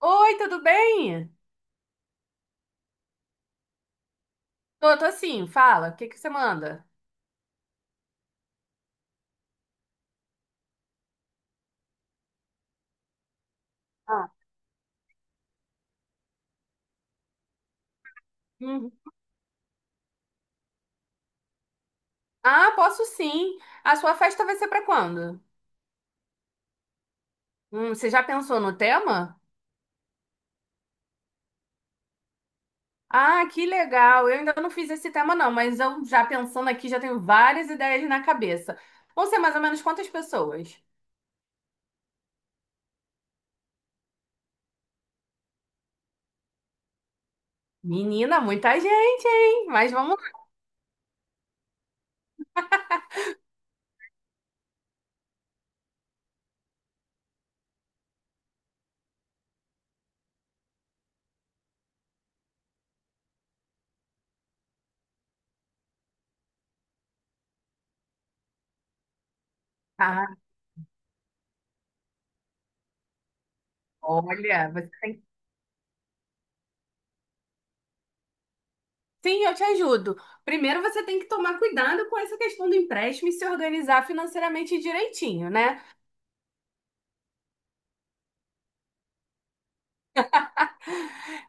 Oi, tudo bem? Tô sim, fala, o que que você manda? Ah, uhum. Ah, posso sim. A sua festa vai ser pra quando? Você já pensou no tema? Ah, que legal. Eu ainda não fiz esse tema não, mas eu já pensando aqui, já tenho várias ideias na cabeça. Vão ser mais ou menos quantas pessoas? Menina, muita gente, hein? Mas vamos lá. Ah, olha, você tem... Sim, eu te ajudo. Primeiro você tem que tomar cuidado com essa questão do empréstimo e se organizar financeiramente direitinho, né?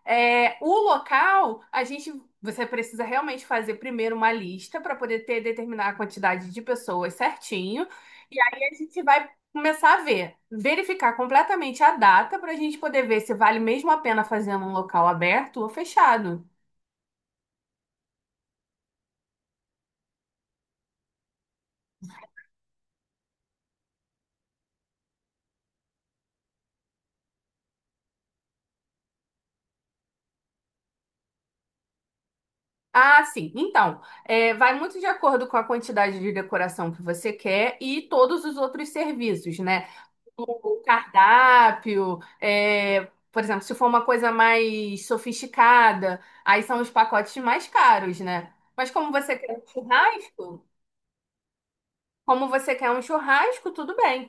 É, o local, a gente, você precisa realmente fazer primeiro uma lista para poder ter, determinar a quantidade de pessoas certinho. E aí a gente vai começar a ver, verificar completamente a data para a gente poder ver se vale mesmo a pena fazer num local aberto ou fechado. Ah, sim. Então, vai muito de acordo com a quantidade de decoração que você quer e todos os outros serviços, né? O cardápio, por exemplo, se for uma coisa mais sofisticada, aí são os pacotes mais caros, né? Mas como você quer um churrasco, como você quer um churrasco, tudo bem.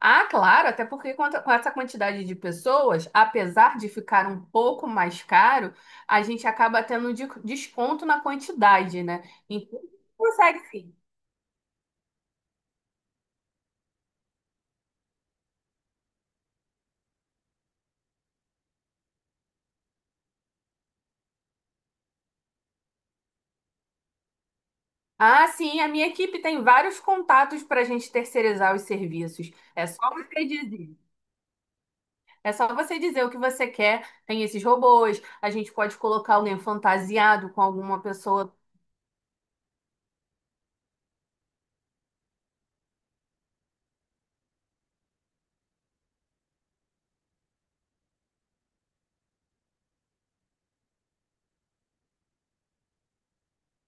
Ah, claro, até porque com essa quantidade de pessoas, apesar de ficar um pouco mais caro, a gente acaba tendo desconto na quantidade, né? Então, consegue sim. Ah, sim, a minha equipe tem vários contatos para a gente terceirizar os serviços. É só você dizer. É só você dizer o que você quer. Tem esses robôs, a gente pode colocar alguém fantasiado com alguma pessoa.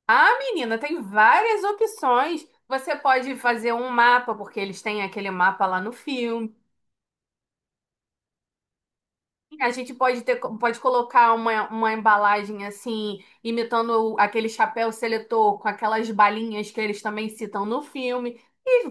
Ah, menina, tem várias opções. Você pode fazer um mapa, porque eles têm aquele mapa lá no filme. A gente pode ter, pode colocar uma embalagem assim, imitando aquele chapéu seletor com aquelas balinhas que eles também citam no filme. E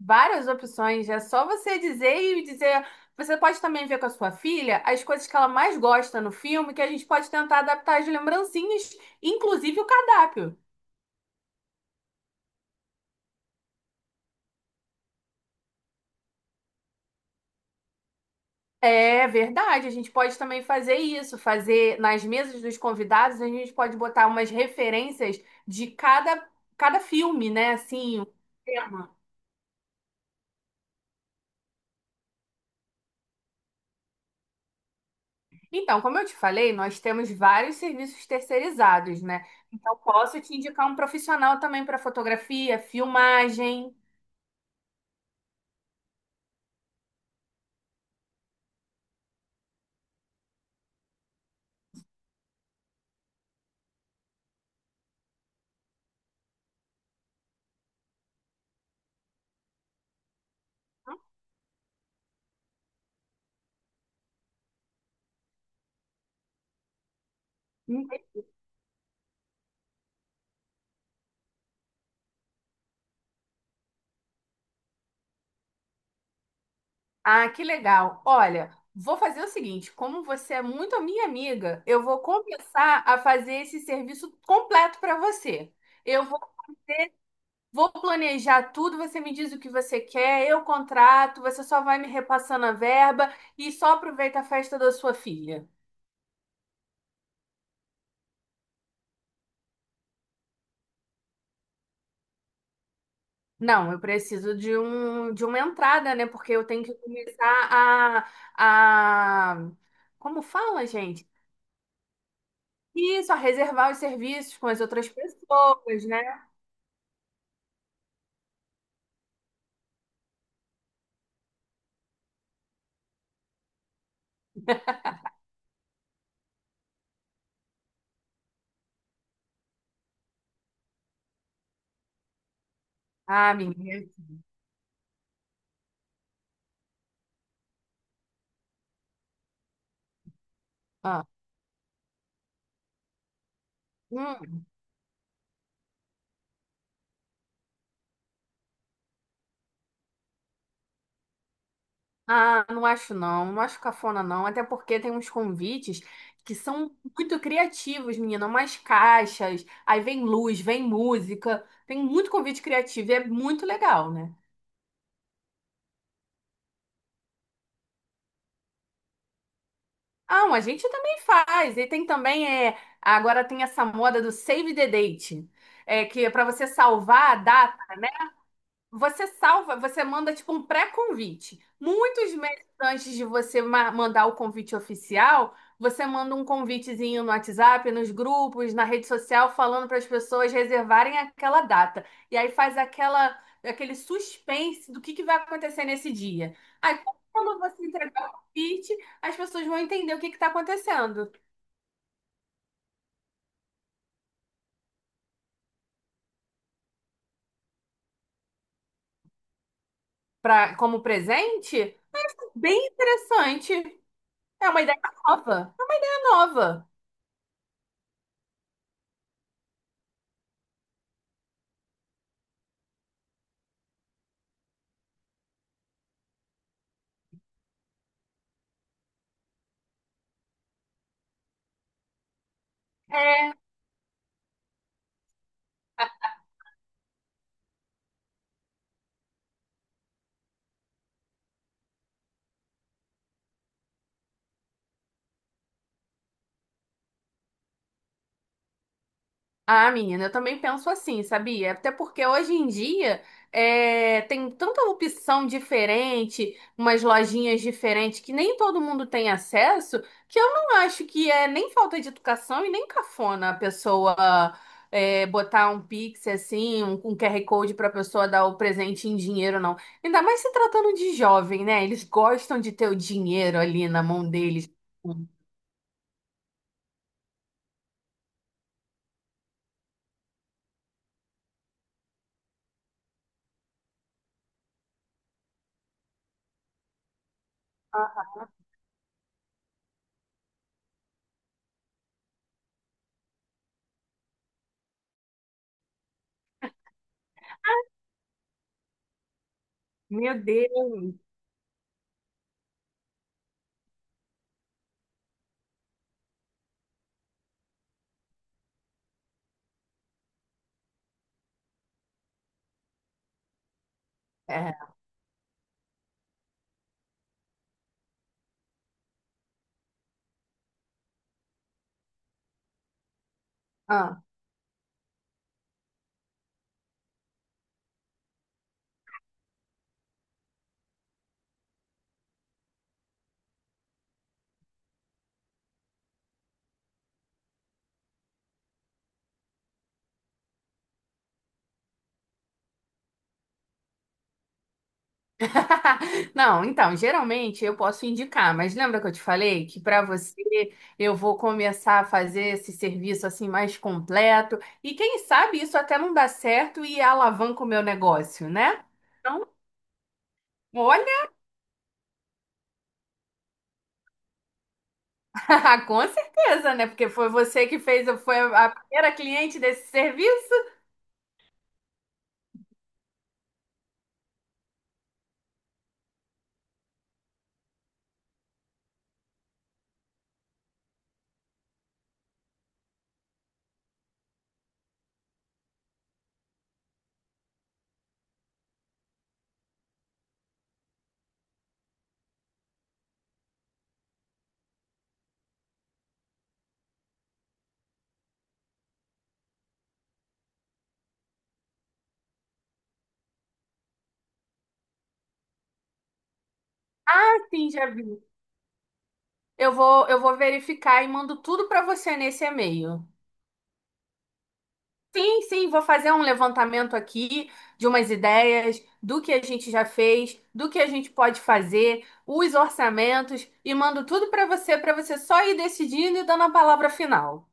várias opções. É só você dizer e dizer. Você pode também ver com a sua filha as coisas que ela mais gosta no filme, que a gente pode tentar adaptar as lembrancinhas, inclusive o cardápio. É verdade, a gente pode também fazer isso, fazer nas mesas dos convidados, a gente pode botar umas referências de cada, cada filme, né? Assim, o tema. Então, como eu te falei, nós temos vários serviços terceirizados, né? Então, posso te indicar um profissional também para fotografia, filmagem. Ah, que legal. Olha, vou fazer o seguinte: como você é muito a minha amiga, eu vou começar a fazer esse serviço completo para você. Eu vou, vou planejar tudo, você me diz o que você quer, eu contrato, você só vai me repassando a verba e só aproveita a festa da sua filha. Não, eu preciso de um, de uma entrada, né? Porque eu tenho que começar a... Como fala, gente? Isso, a reservar os serviços com as outras pessoas, né? Ah, menina. Ah, hum, ah, não acho não, não acho cafona não, até porque tem uns convites que são muito criativos, menina, umas caixas, aí vem luz, vem música, tem muito convite criativo e é muito legal, né? A gente também faz, e tem também, é, agora tem essa moda do Save the Date, é, que é para você salvar a data. Você salva, você manda tipo um pré-convite. Muitos meses antes de você mandar o convite oficial, você manda um convitezinho no WhatsApp, nos grupos, na rede social, falando para as pessoas reservarem aquela data. E aí faz aquele suspense do que vai acontecer nesse dia. Aí quando você entregar o convite, as pessoas vão entender o que está acontecendo. Pra, como presente, bem interessante. É uma ideia nova. É uma ideia nova. É, ah, menina, eu também penso assim, sabia? Até porque hoje em dia tem tanta opção diferente, umas lojinhas diferentes que nem todo mundo tem acesso, que eu não acho que é nem falta de educação e nem cafona a pessoa botar um Pix assim, um QR Code para a pessoa dar o presente em dinheiro, não. Ainda mais se tratando de jovem, né? Eles gostam de ter o dinheiro ali na mão deles. É. Não, então, geralmente eu posso indicar, mas lembra que eu te falei que para você eu vou começar a fazer esse serviço assim mais completo e quem sabe isso até não dá certo e alavanca o meu negócio, né? Então, olha, com certeza, né? Porque foi você que fez, foi a primeira cliente desse serviço, sim, já vi. Eu vou verificar e mando tudo para você nesse e-mail. Sim, sim, vou fazer um levantamento aqui de umas ideias, do que a gente já fez, do que a gente pode fazer, os orçamentos e mando tudo para você só ir decidindo e dando a palavra final.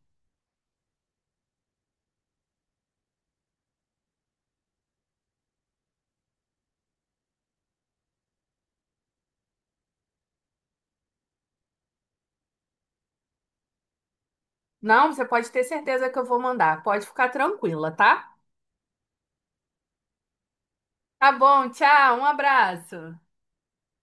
Não, você pode ter certeza que eu vou mandar, pode ficar tranquila, tá? Tá bom, tchau, um abraço.